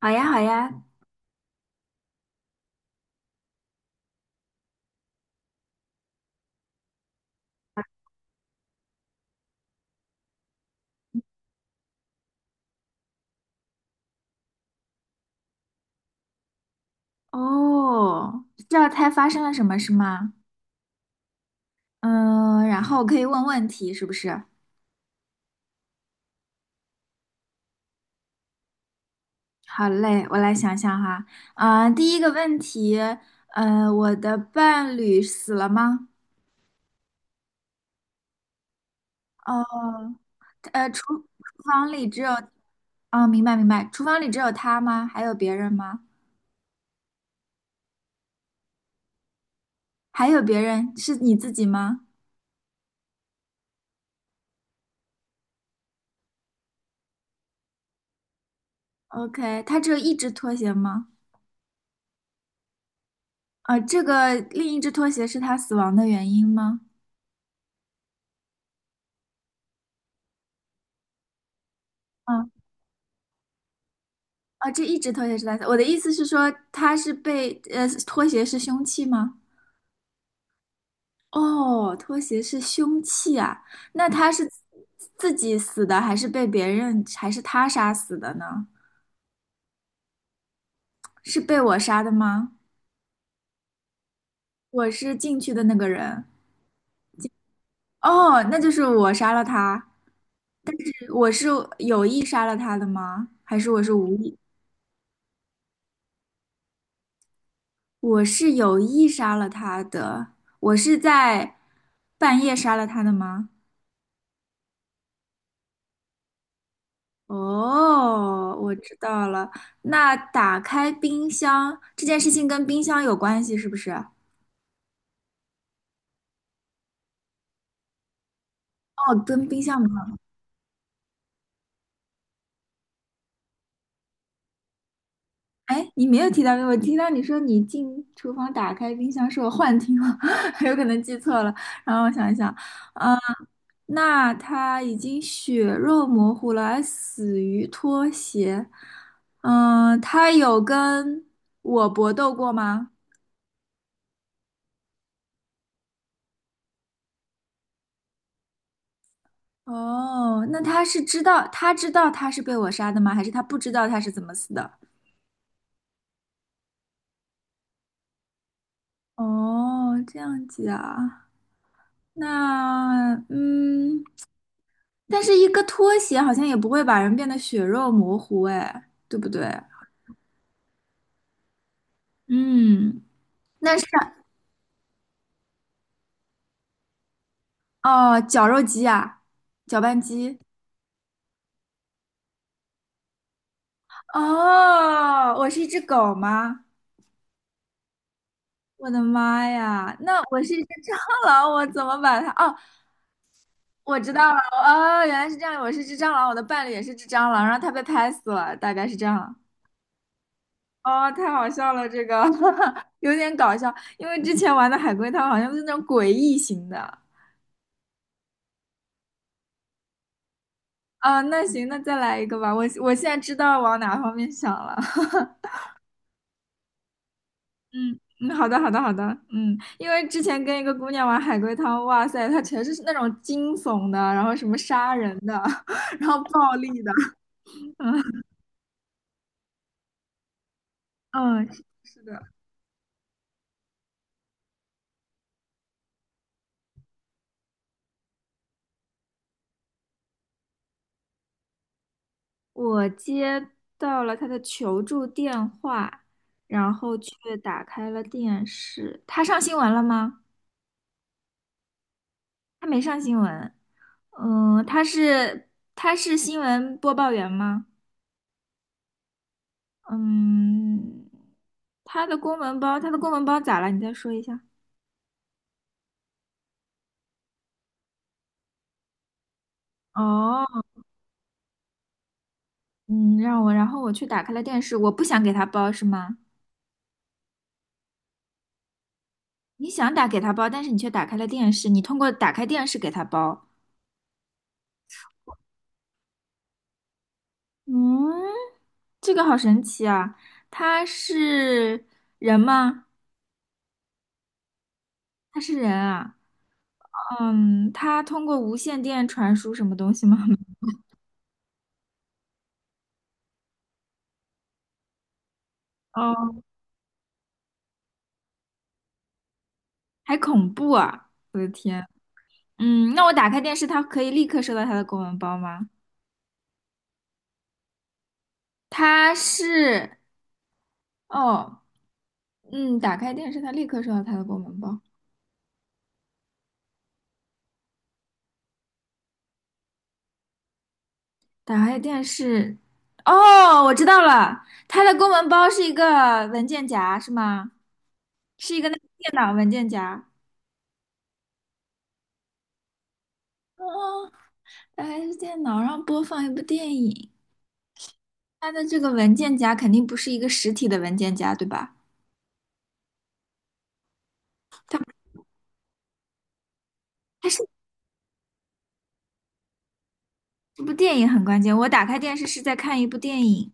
好呀，好呀。哦，知道猜发生了什么是吗？嗯，然后我可以问问题，是不是？好嘞，我来想想哈。啊、第一个问题，我的伴侣死了吗？哦，厨房里只有。哦，明白明白，厨房里只有他吗？还有别人吗？还有别人，是你自己吗？OK，他只有一只拖鞋吗？啊、这个另一只拖鞋是他死亡的原因吗？嗯啊，这一只拖鞋是蓝色。我的意思是说，他是被拖鞋是凶器吗？哦，拖鞋是凶器啊。那他是自己死的，还是被别人，还是他杀死的呢？是被我杀的吗？我是进去的那个人。哦，那就是我杀了他。我是有意杀了他的吗？还是我是无意？我是有意杀了他的。我是在半夜杀了他的吗？哦，我知道了。那打开冰箱这件事情跟冰箱有关系是不是？哦，跟冰箱没有。哎，你没有提到，我听到你说你进厨房打开冰箱，是我幻听了，有可能记错了。然后我想一想，嗯、那他已经血肉模糊了，还死于拖鞋。嗯、他有跟我搏斗过吗？哦，那他是知道，他知道他是被我杀的吗？还是他不知道他是怎么死的？哦，这样子啊，那嗯，但是一个拖鞋好像也不会把人变得血肉模糊，哎，对不对？嗯，那是哦，绞肉机啊，搅拌机。哦，我是一只狗吗？我的妈呀，那我是一只蟑螂，我怎么把它？哦，我知道了，哦，原来是这样，我是只蟑螂，我的伴侣也是只蟑螂，然后他被拍死了，大概是这样。哦，太好笑了，这个 有点搞笑，因为之前玩的海龟汤好像是那种诡异型的啊。那行，那再来一个吧，我现在知道往哪方面想了。嗯嗯，好的好的好的，嗯，因为之前跟一个姑娘玩海龟汤，哇塞，她全是那种惊悚的，然后什么杀人的，然后暴力的，嗯，是是的。我接到了他的求助电话，然后却打开了电视。他上新闻了吗？他没上新闻。嗯，他是他是新闻播报员吗？嗯，他的公文包，他的公文包咋了？你再说一下。哦，嗯，让我，然后我去打开了电视，我不想给他包是吗？你想打给他包，但是你却打开了电视，你通过打开电视给他包。嗯，这个好神奇啊！他是人吗？他是人啊。嗯，他通过无线电传输什么东西吗？哦，还恐怖啊！我的天。嗯，那我打开电视，它可以立刻收到它的公文包吗？它是，哦，嗯，打开电视，它立刻收到它的公文包。打开电视，哦，我知道了，它的公文包是一个文件夹，是吗？是一个那个电脑文件夹。哦，它还是电脑上播放一部电影，它的这个文件夹肯定不是一个实体的文件夹，对吧？它是这部电影很关键。我打开电视是在看一部电影，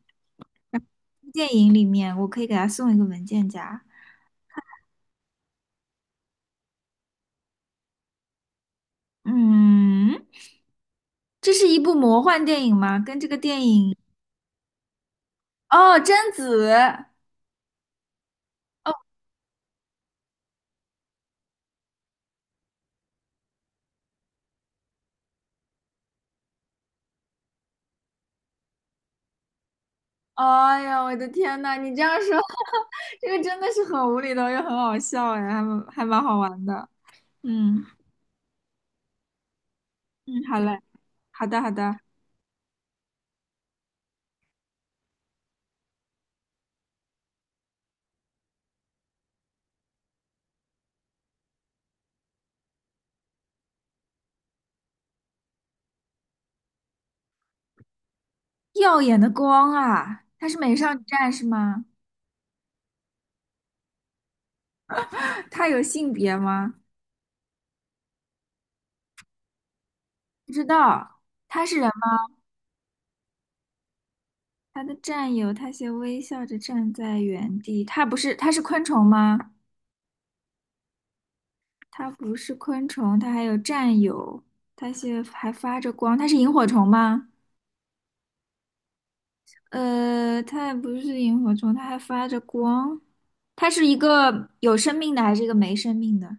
电影里面我可以给它送一个文件夹。嗯，这是一部魔幻电影吗？跟这个电影哦，贞子。哎呀，我的天呐，你这样说，这个真的是很无厘头又很好笑哎，还蛮好玩的。嗯嗯，好嘞，好的好的。耀眼的光啊，她是美少女战士吗？她有性别吗？不知道，她是人吗？她的战友，她先微笑着站在原地。她不是，她是昆虫吗？她不是昆虫，她还有战友，她先还发着光。她是萤火虫吗？她也不是萤火虫，她还发着光。它是一个有生命的还是一个没生命的？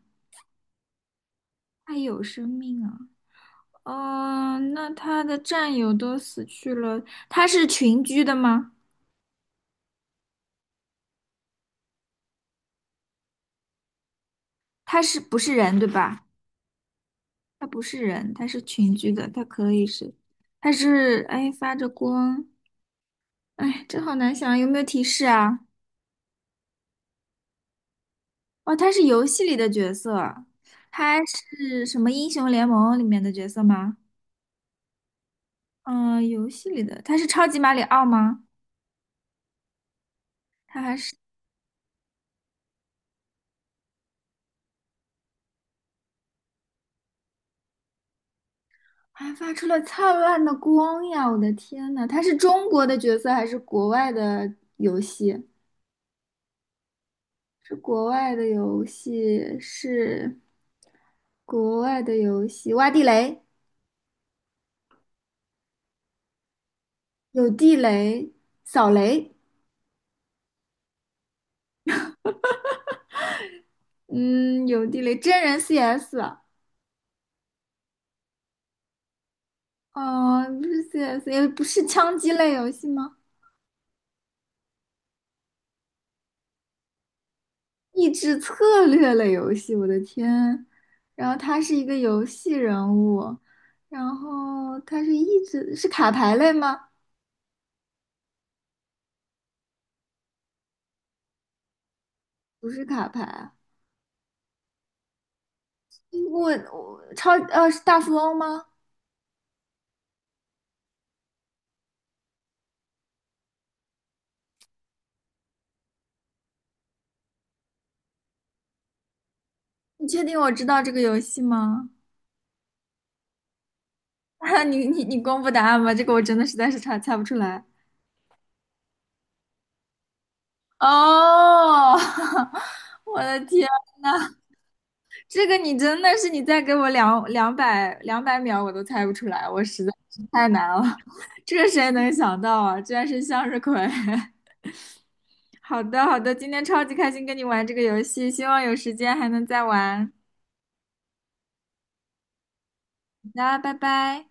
它有生命啊。嗯，那他的战友都死去了，他是群居的吗？他是不是人，对吧？他不是人，他是群居的，他可以是，他是，哎，发着光，哎，这好难想啊，有没有提示啊？哦，他是游戏里的角色，他是什么英雄联盟里面的角色吗？嗯、游戏里的，他是超级马里奥吗？他还是还发出了灿烂的光呀！我的天呐，他是中国的角色还是国外的游戏？是国外的游戏，是国外的游戏，挖地雷，有地雷，扫雷，嗯，有地雷，真人 CS,哦，不是 CS,也不是枪击类游戏吗？益智策略类游戏，我的天！然后他是一个游戏人物，然后他是益智，是卡牌类吗？不是卡牌啊，我是大富翁吗？你确定我知道这个游戏吗？哈，你公布答案吧，这个我真的实在是猜不出来。哦，我的天呐，这个你真的是你再给我两百秒我都猜不出来，我实在是太难了，这谁能想到啊？居然是向日葵。好的好的，今天超级开心跟你玩这个游戏，希望有时间还能再玩。那拜拜。